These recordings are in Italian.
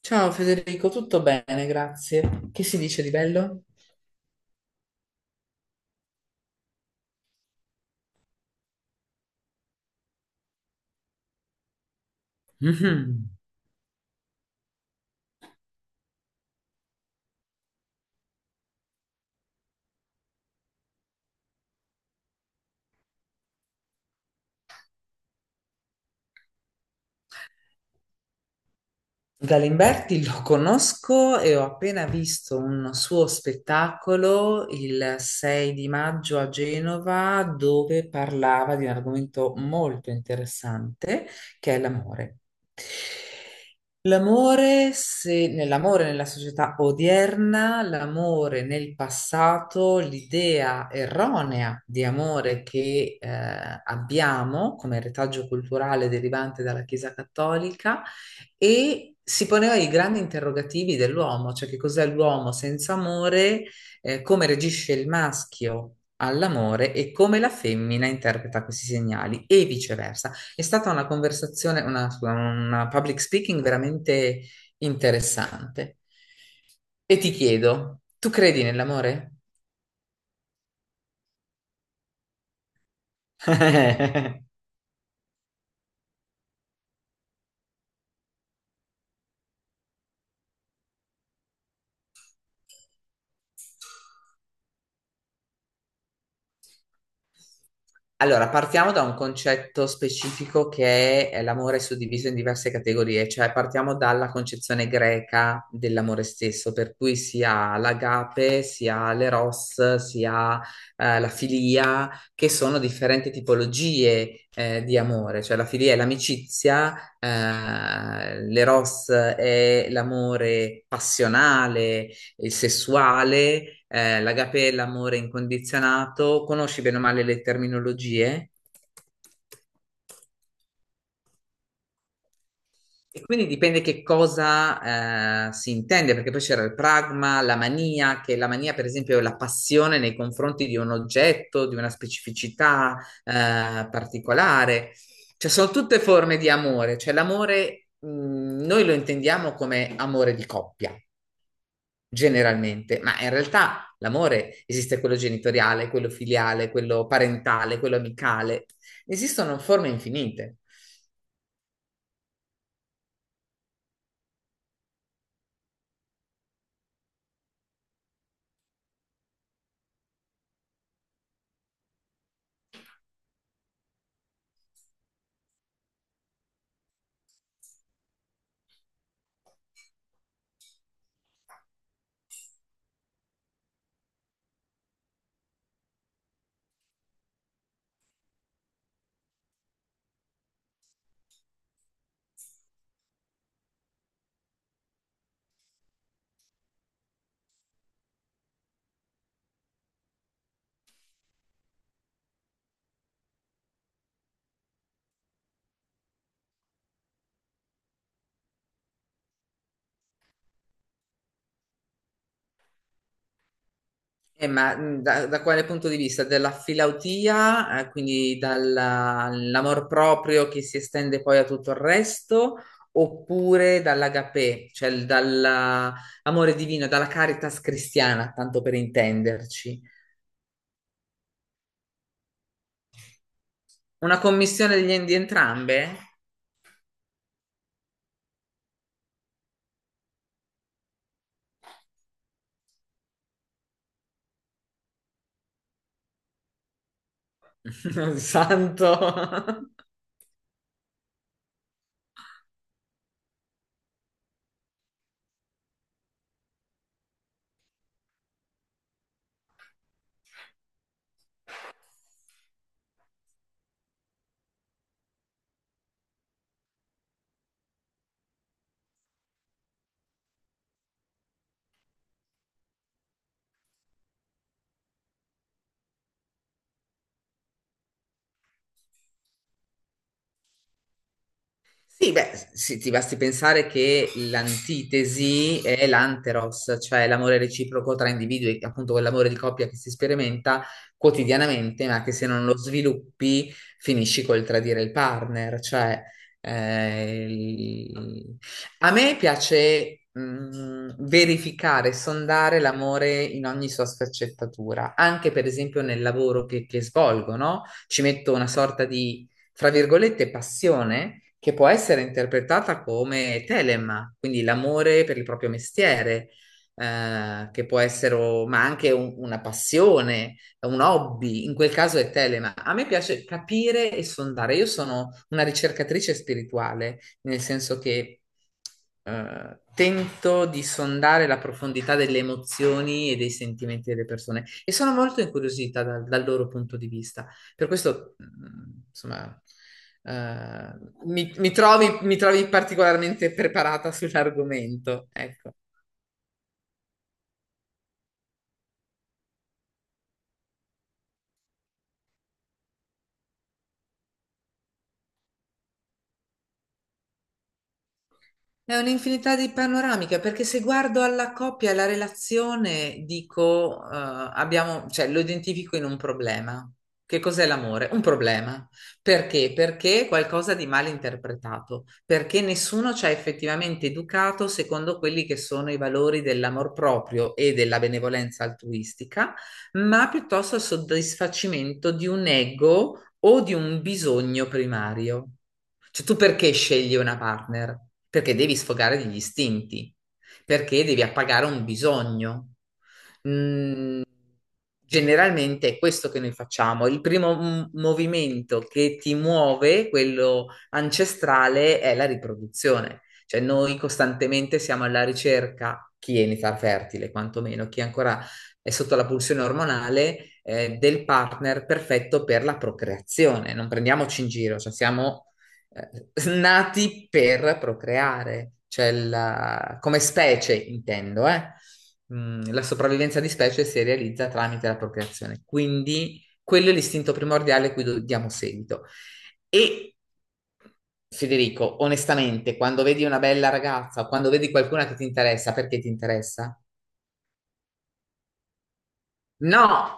Ciao Federico, tutto bene, grazie. Che si dice di bello? Mhm. Galimberti lo conosco e ho appena visto un suo spettacolo il 6 di maggio a Genova dove parlava di un argomento molto interessante che è l'amore. L'amore, se nell'amore nella società odierna, l'amore nel passato, l'idea erronea di amore che abbiamo come retaggio culturale derivante dalla Chiesa Cattolica e si poneva i grandi interrogativi dell'uomo, cioè che cos'è l'uomo senza amore, come reagisce il maschio all'amore e come la femmina interpreta questi segnali e viceversa. È stata una conversazione, una, scusa, una public speaking veramente interessante. E ti chiedo, tu credi nell'amore? Allora, partiamo da un concetto specifico che è l'amore suddiviso in diverse categorie, cioè partiamo dalla concezione greca dell'amore stesso, per cui si ha l'agape, si ha l'eros, si ha la filia, che sono differenti tipologie di amore, cioè la filia è l'amicizia, l'eros è l'amore passionale, il sessuale, l'agapè, l'amore incondizionato. Conosci bene o male le terminologie? E quindi dipende che cosa si intende, perché poi c'era il pragma, la mania, che la mania, per esempio, è la passione nei confronti di un oggetto, di una specificità particolare. Cioè, sono tutte forme di amore. Cioè, l'amore, noi lo intendiamo come amore di coppia. Generalmente, ma in realtà l'amore esiste quello genitoriale, quello filiale, quello parentale, quello amicale. Esistono forme infinite. Ma da quale punto di vista? Dalla filautia, quindi dall'amor proprio che si estende poi a tutto il resto, oppure dall'agapè, cioè dall'amore divino, dalla caritas cristiana, tanto per intenderci. Una commissione di entrambe? Santo. Sì, beh, sì, ti basti pensare che l'antitesi è l'anteros, cioè l'amore reciproco tra individui, appunto quell'amore di coppia che si sperimenta quotidianamente, ma che se non lo sviluppi finisci col tradire il partner. Cioè, eh, il- a me piace verificare, sondare l'amore in ogni sua sfaccettatura, anche per esempio nel lavoro che svolgo, no? Ci metto una sorta di fra virgolette, passione che può essere interpretata come telema, quindi l'amore per il proprio mestiere, che può essere, ma anche una passione, un hobby, in quel caso è telema. A me piace capire e sondare. Io sono una ricercatrice spirituale, nel senso che tento di sondare la profondità delle emozioni e dei sentimenti delle persone e sono molto incuriosita dal loro punto di vista. Per questo, insomma, eh, mi trovi particolarmente preparata sull'argomento, ecco. È un'infinità di panoramiche, perché se guardo alla coppia e alla relazione, dico, abbiamo, cioè, lo identifico in un problema. Che cos'è l'amore? Un problema. Perché? Perché è qualcosa di mal interpretato, perché nessuno ci ha effettivamente educato secondo quelli che sono i valori dell'amor proprio e della benevolenza altruistica, ma piuttosto al soddisfacimento di un ego o di un bisogno primario. Cioè, tu perché scegli una partner? Perché devi sfogare degli istinti, perché devi appagare un bisogno. Mm, generalmente è questo che noi facciamo. Il primo movimento che ti muove, quello ancestrale, è la riproduzione. Cioè noi costantemente siamo alla ricerca, chi è in età fertile, quantomeno, chi ancora è sotto la pulsione ormonale, del partner perfetto per la procreazione. Non prendiamoci in giro, cioè siamo nati per procreare, cioè come specie intendo, eh. Mm, la sopravvivenza di specie si realizza tramite la procreazione, quindi quello è l'istinto primordiale a cui diamo seguito. E Federico, onestamente, quando vedi una bella ragazza o quando vedi qualcuna che ti interessa, perché ti interessa? No,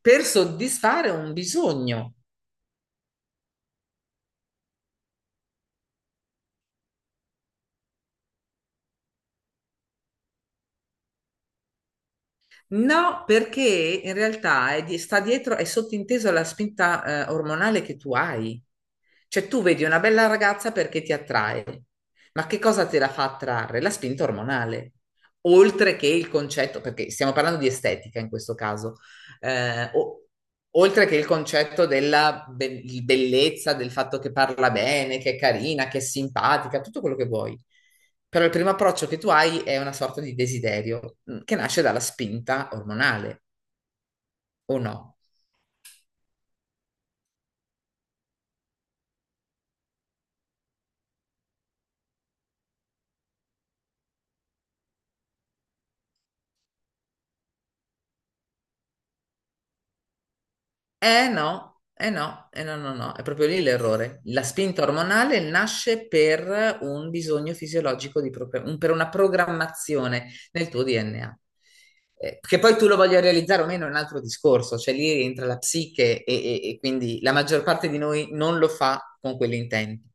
per soddisfare un bisogno. No, perché in realtà è sta dietro, è sottinteso la spinta, ormonale che tu hai. Cioè tu vedi una bella ragazza perché ti attrae, ma che cosa te la fa attrarre? La spinta ormonale, oltre che il concetto, perché stiamo parlando di estetica in questo caso, eh, o- oltre che il concetto di bellezza, del fatto che parla bene, che è carina, che è simpatica, tutto quello che vuoi. Però il primo approccio che tu hai è una sorta di desiderio mm, che nasce dalla spinta ormonale, o no? Eh no, eh no, eh no, no, no, è proprio lì l'errore. La spinta ormonale nasce per un bisogno fisiologico, per una programmazione nel tuo DNA. Che poi tu lo voglia realizzare o meno è un altro discorso, cioè lì rientra la psiche e quindi la maggior parte di noi non lo fa con quell'intento.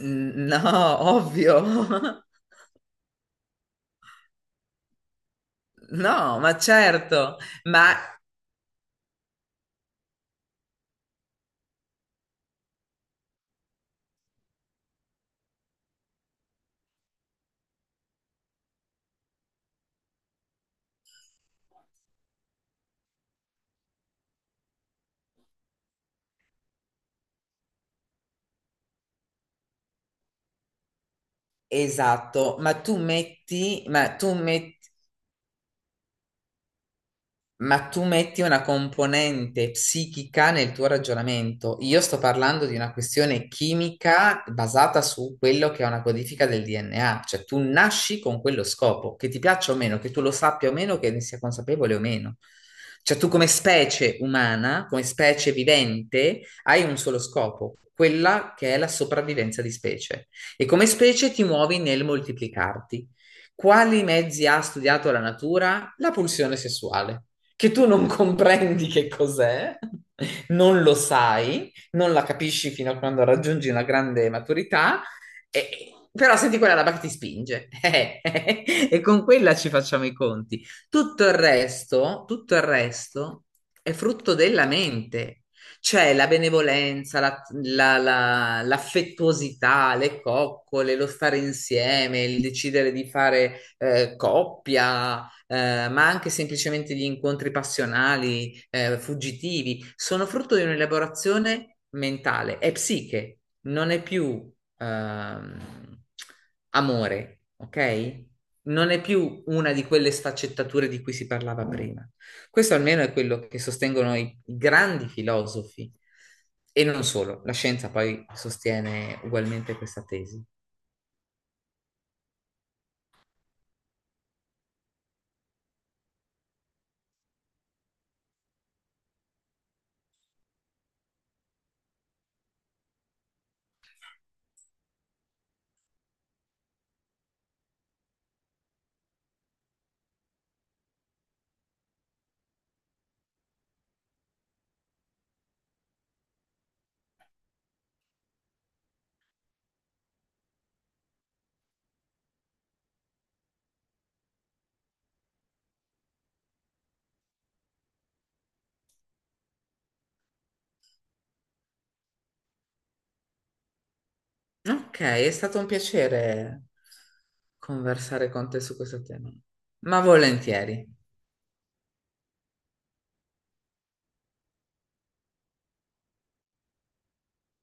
Mm, no, ovvio. No, ma certo, ma esatto, ma tu metti Ma tu metti una componente psichica nel tuo ragionamento. Io sto parlando di una questione chimica basata su quello che è una codifica del DNA, cioè tu nasci con quello scopo, che ti piaccia o meno, che tu lo sappia o meno, che ne sia consapevole o meno. Cioè tu come specie umana, come specie vivente, hai un solo scopo, quella che è la sopravvivenza di specie. E come specie ti muovi nel moltiplicarti. Quali mezzi ha studiato la natura? La pulsione sessuale che tu non comprendi che cos'è, non lo sai, non la capisci fino a quando raggiungi una grande maturità, e- però senti quella roba che ti spinge e con quella ci facciamo i conti. Tutto il resto è frutto della mente. Cioè la benevolenza, l'affettuosità, le coccole, lo stare insieme, il decidere di fare coppia, ma anche semplicemente gli incontri passionali, fuggitivi, sono frutto di un'elaborazione mentale, è psiche, non è più ehm, amore, ok? Non è più una di quelle sfaccettature di cui si parlava prima. Questo almeno è quello che sostengono i grandi filosofi. E non solo, la scienza poi sostiene ugualmente questa tesi. Ok, è stato un piacere conversare con te su questo tema, ma volentieri.